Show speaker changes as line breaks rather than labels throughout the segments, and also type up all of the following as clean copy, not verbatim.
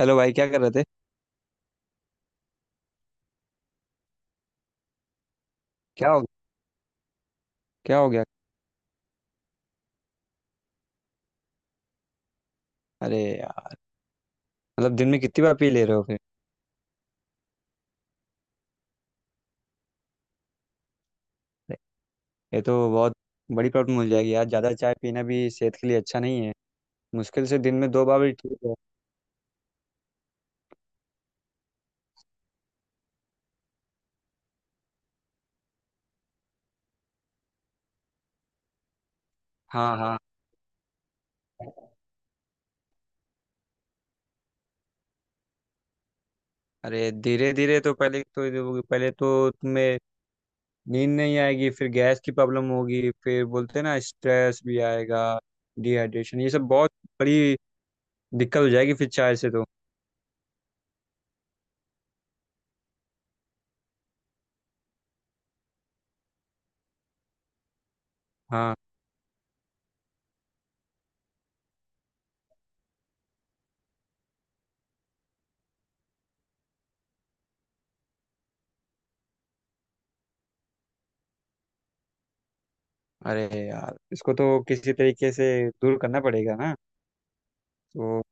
Hello भाई क्या कर रहे थे। क्या हो क्या हो गया। अरे यार, मतलब दिन में कितनी बार पी ले रहे हो फिर। ये तो बहुत बड़ी प्रॉब्लम हो जाएगी यार, ज़्यादा चाय पीना भी सेहत के लिए अच्छा नहीं है। मुश्किल से दिन में 2 बार भी ठीक है। हाँ हाँ। अरे धीरे धीरे तो पहले तो तुम्हें नींद नहीं आएगी, फिर गैस की प्रॉब्लम होगी, फिर बोलते हैं ना स्ट्रेस भी आएगा, डिहाइड्रेशन, ये सब बहुत बड़ी दिक्कत हो जाएगी फिर चाय से तो। हाँ। अरे यार इसको तो किसी तरीके से दूर करना पड़ेगा ना। तो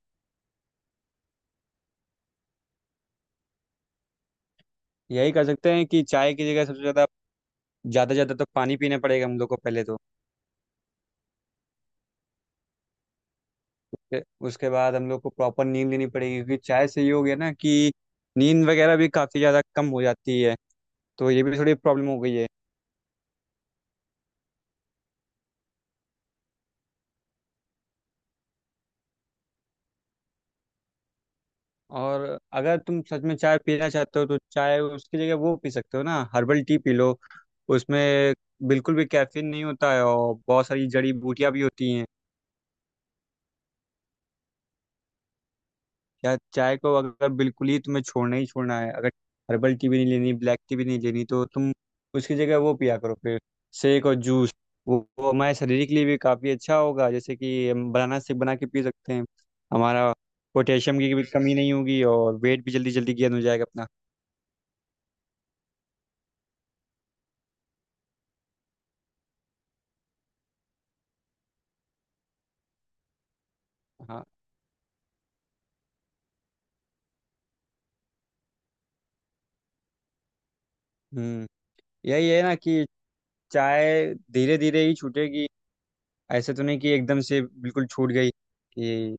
यही कर सकते हैं कि चाय की जगह सबसे ज़्यादा ज़्यादा ज़्यादा तो पानी पीना पड़ेगा हम लोग को पहले तो। फिर उसके बाद हम लोग को प्रॉपर नींद लेनी पड़ेगी क्योंकि चाय से ये हो गया ना कि नींद वगैरह भी काफ़ी ज़्यादा कम हो जाती है, तो ये भी थोड़ी प्रॉब्लम हो गई है। और अगर तुम सच में चाय पीना चाहते हो तो चाय उसकी जगह वो पी सकते हो ना, हर्बल टी पी लो। उसमें बिल्कुल भी कैफीन नहीं होता है और बहुत सारी जड़ी बूटियां भी होती हैं। यार चाय को अगर बिल्कुल ही तुम्हें छोड़ना ही छोड़ना है, अगर हर्बल टी भी नहीं लेनी, ब्लैक टी भी नहीं लेनी, तो तुम उसकी जगह वो पिया करो फिर, शेक और जूस। वो हमारे शरीर के लिए भी काफ़ी अच्छा होगा, जैसे कि हम बनाना शेक बना के पी सकते हैं। हमारा पोटेशियम की भी कमी नहीं होगी और वेट भी जल्दी जल्दी गेन हो जाएगा अपना। हाँ। हम्म। यही है ना कि चाय धीरे धीरे ही छूटेगी, ऐसे तो नहीं कि एकदम से बिल्कुल छूट गई कि।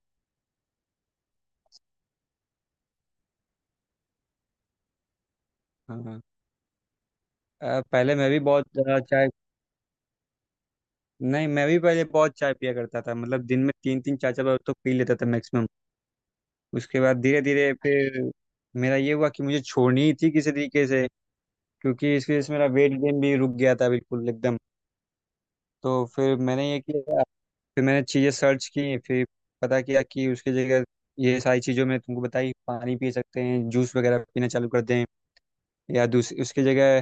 हाँ। पहले मैं भी बहुत ज़्यादा चाय, नहीं, मैं भी पहले बहुत चाय पिया करता था, मतलब दिन में तीन तीन चार चार बार तो पी लेता था मैक्सिमम। उसके बाद धीरे धीरे फिर मेरा ये हुआ कि मुझे छोड़नी ही थी किसी तरीके से, क्योंकि इस वजह से मेरा वेट गेन भी रुक गया था बिल्कुल एकदम। तो फिर मैंने ये किया, फिर मैंने चीज़ें सर्च की, फिर पता किया कि उसकी जगह ये सारी चीज़ों में तुमको बताई, पानी पी सकते हैं, जूस वगैरह पीना चालू कर दें, या दूसरी उसकी जगह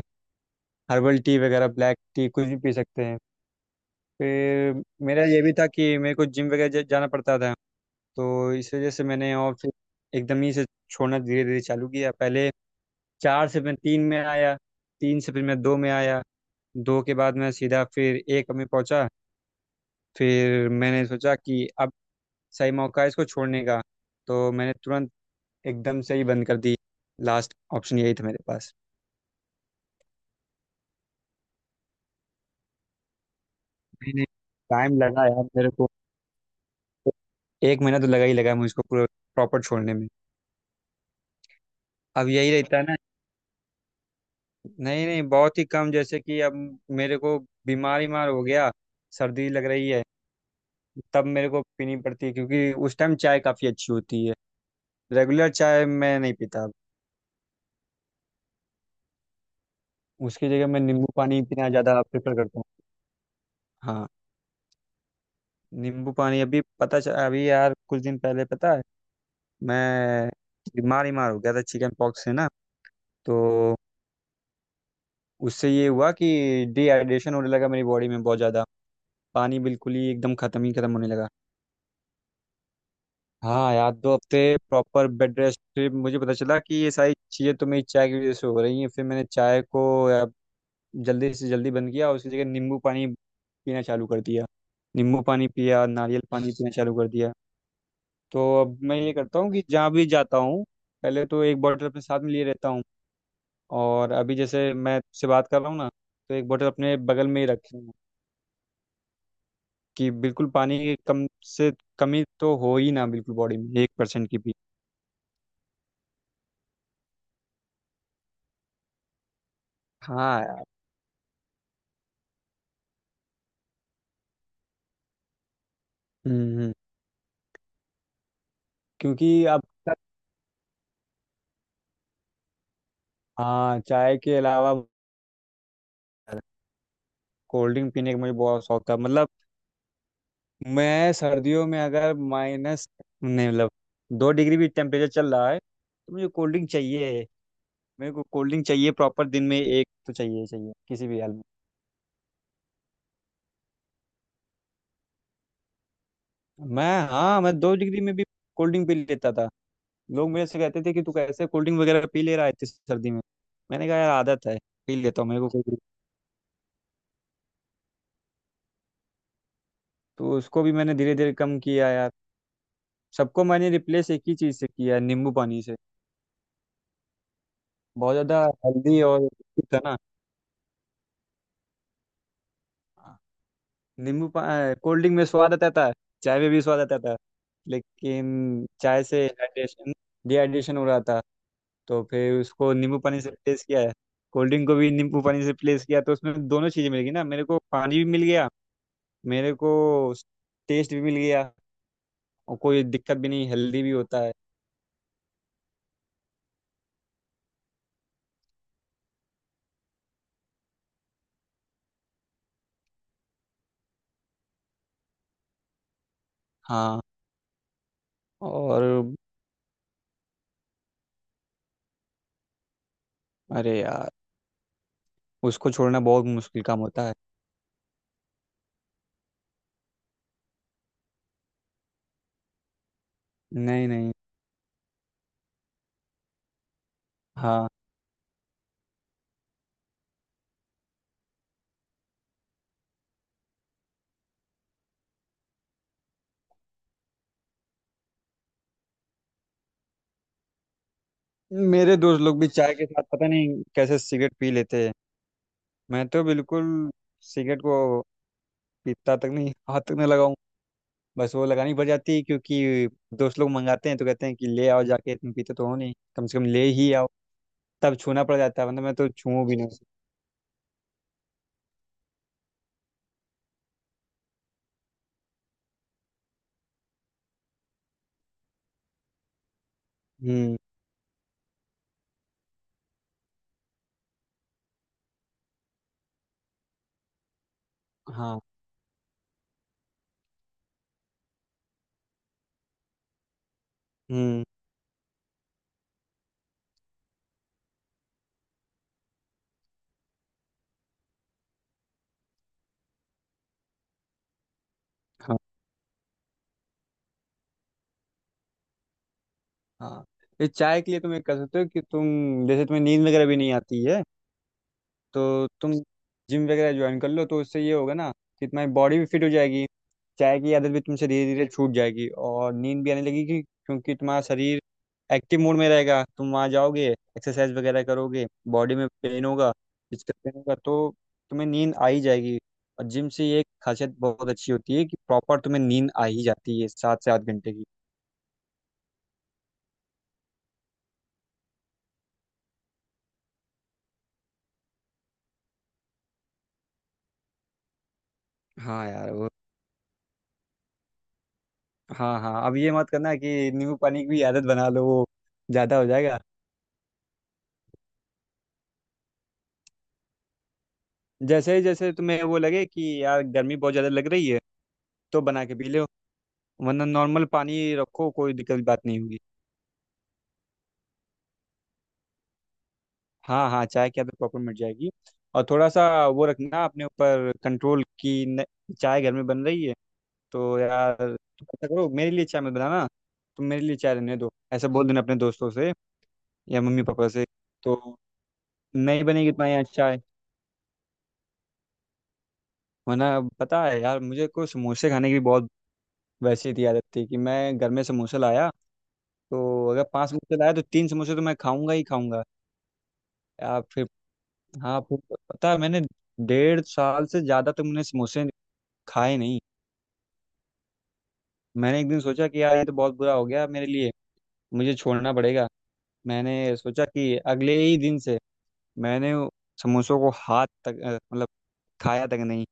हर्बल टी वगैरह, ब्लैक टी कुछ भी पी सकते हैं। फिर मेरा ये भी था कि मेरे को जिम वगैरह जाना पड़ता था। तो इस वजह से मैंने, और फिर एकदम ही से छोड़ना धीरे धीरे चालू किया। पहले चार से मैं तीन में आया, तीन से फिर मैं दो में आया, दो के बाद मैं सीधा फिर एक में पहुंचा। फिर मैंने सोचा कि अब सही मौका है इसको छोड़ने का, तो मैंने तुरंत एकदम से ही बंद कर दी। लास्ट ऑप्शन यही था मेरे पास। मैंने टाइम लगा यार मेरे को, एक महीना तो लगा ही लगा मुझको पूरा, प्रॉपर छोड़ने में। अब यही रहता है ना, नहीं नहीं बहुत ही कम, जैसे कि अब मेरे को बीमार बीमार हो गया, सर्दी लग रही है, तब मेरे को पीनी पड़ती है क्योंकि उस टाइम चाय काफ़ी अच्छी होती है। रेगुलर चाय मैं नहीं पीता अब। उसकी जगह मैं नींबू पानी पीना ज़्यादा प्रेफर करता हूँ। हाँ। नींबू पानी अभी पता चल अभी यार कुछ दिन पहले पता है, मैं बीमार बीमार हो गया था चिकन पॉक्स से ना। तो उससे ये हुआ कि डिहाइड्रेशन होने लगा मेरी बॉडी में बहुत ज़्यादा, पानी बिल्कुल ही एकदम ख़त्म ही ख़त्म होने लगा। हाँ यार 2 हफ्ते प्रॉपर बेड रेस्ट पे मुझे पता चला कि ये सारी चीज़ें तो मेरी चाय की वजह से हो रही हैं। फिर मैंने चाय को जल्दी से जल्दी बंद किया और उसकी जगह नींबू पानी पीना चालू कर दिया। नींबू पानी पिया, नारियल पानी पीना चालू कर दिया। तो अब मैं ये करता हूँ कि जहाँ भी जाता हूँ, पहले तो एक बॉटल अपने साथ में लिए रहता हूँ। और अभी जैसे मैं से बात कर रहा हूँ ना, तो एक बॉटल अपने बगल में ही रखी हूँ, कि बिल्कुल पानी की कम से कमी तो हो ही ना बिल्कुल बॉडी में, 1% की भी। हाँ यार। हम्म हम्म। क्योंकि अब तक, हाँ, चाय के अलावा कोल्ड ड्रिंक पीने का मुझे बहुत शौक था, मतलब मैं सर्दियों में अगर माइनस, नहीं मतलब 2 डिग्री भी टेम्परेचर चल रहा है तो मुझे कोल्ड ड्रिंक चाहिए। मेरे को कोल्ड ड्रिंक चाहिए प्रॉपर, दिन में एक तो चाहिए ही चाहिए किसी भी हाल में। मैं, हाँ, मैं 2 डिग्री में भी कोल्ड ड्रिंक पी लेता था। लोग मेरे से कहते थे कि तू कैसे कोल्ड ड्रिंक वगैरह पी ले रहा है इतनी सर्दी में। मैंने कहा यार आदत है, पी लेता हूँ, मेरे को कोई दिक्कत-" तो उसको भी मैंने धीरे धीरे कम किया यार, सबको मैंने रिप्लेस एक ही चीज़ से किया, नींबू पानी से। बहुत ज्यादा हेल्दी और ठीक है ना। हाँ, नींबू कोल्ड ड्रिंक में स्वाद आता है, चाय में भी स्वाद आता है, लेकिन चाय से हाइड्रेशन डिहाइड्रेशन हो रहा था। तो फिर उसको नींबू पानी से रिप्लेस किया है, कोल्ड ड्रिंक को भी नींबू पानी से रिप्लेस किया, तो उसमें दोनों चीज़ें मिल गई ना, मेरे को पानी भी मिल गया, मेरे को टेस्ट भी मिल गया, और कोई दिक्कत भी नहीं, हेल्दी भी होता है। हाँ। और। अरे यार उसको छोड़ना बहुत मुश्किल काम होता है। नहीं नहीं। हाँ। मेरे दोस्त लोग भी चाय के साथ पता नहीं कैसे सिगरेट पी लेते हैं। मैं तो बिल्कुल सिगरेट को पीता तक नहीं, हाथ तक नहीं लगाऊं। बस वो लगानी पड़ जाती है क्योंकि दोस्त लोग मंगाते हैं, तो कहते हैं कि ले आओ जाके, तुम पीते तो हो नहीं, कम से कम ले ही आओ, तब छूना पड़ जाता है, वरना मैं तो छू भी नहीं सकता। हम्म। हाँ। हम्म। हाँ हाँ। ये चाय के लिए तुम एक कर सकते हो कि तुम, जैसे तुम्हें नींद वगैरह भी नहीं आती है, तो तुम जिम वगैरह ज्वाइन कर लो, तो उससे ये होगा ना कि तुम्हारी बॉडी भी फिट हो जाएगी, चाय की आदत भी तुमसे धीरे धीरे छूट जाएगी, और नींद भी आने लगेगी क्योंकि तुम्हारा शरीर एक्टिव मोड में रहेगा, तुम वहाँ जाओगे एक्सरसाइज वगैरह करोगे, बॉडी में पेन होगा, फिजिकल पेन होगा, तो तुम्हें नींद आ ही जाएगी। और जिम से ये एक खासियत बहुत अच्छी होती है कि प्रॉपर तुम्हें नींद आ ही जाती है, 7 से 8 घंटे की। हाँ यार वो, हाँ हाँ, अब ये मत करना कि नींबू पानी की भी आदत बना लो, वो ज़्यादा हो जाएगा। जैसे ही जैसे तुम्हें वो लगे कि यार गर्मी बहुत ज़्यादा लग रही है, तो बना के पी लो, वरना नॉर्मल पानी रखो, कोई दिक्कत की बात नहीं होगी। हाँ हाँ, चाय की आदत प्रॉपर मिट जाएगी। और थोड़ा सा वो रखना अपने ऊपर कंट्रोल की न, चाय घर में बन रही है, तो यार तुम ऐसा करो, मेरे लिए चाय मत बनाना, तुम मेरे लिए चाय रहने दो, ऐसा बोल देना अपने दोस्तों से या मम्मी पापा से, तो नहीं बनेगी तुम्हारे यहाँ चाय। वरना पता है यार, मुझे को समोसे खाने की बहुत वैसी थी आदत, थी कि मैं घर में समोसा लाया तो अगर पांच समोसे लाए तो तीन समोसे तो मैं खाऊंगा ही खाऊंगा। आप फिर, हाँ फिर, पता है मैंने 1.5 साल से ज़्यादा तो मैंने समोसे खाए नहीं। मैंने एक दिन सोचा कि यार ये तो बहुत बुरा हो गया मेरे लिए, मुझे छोड़ना पड़ेगा। मैंने सोचा कि अगले ही दिन से, मैंने समोसों को हाथ तक मतलब खाया तक नहीं।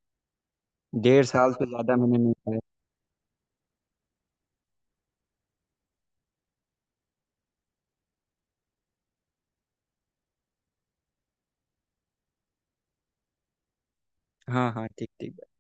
1.5 साल से ज़्यादा मैंने नहीं खाया। हाँ हाँ, ठीक ठीक।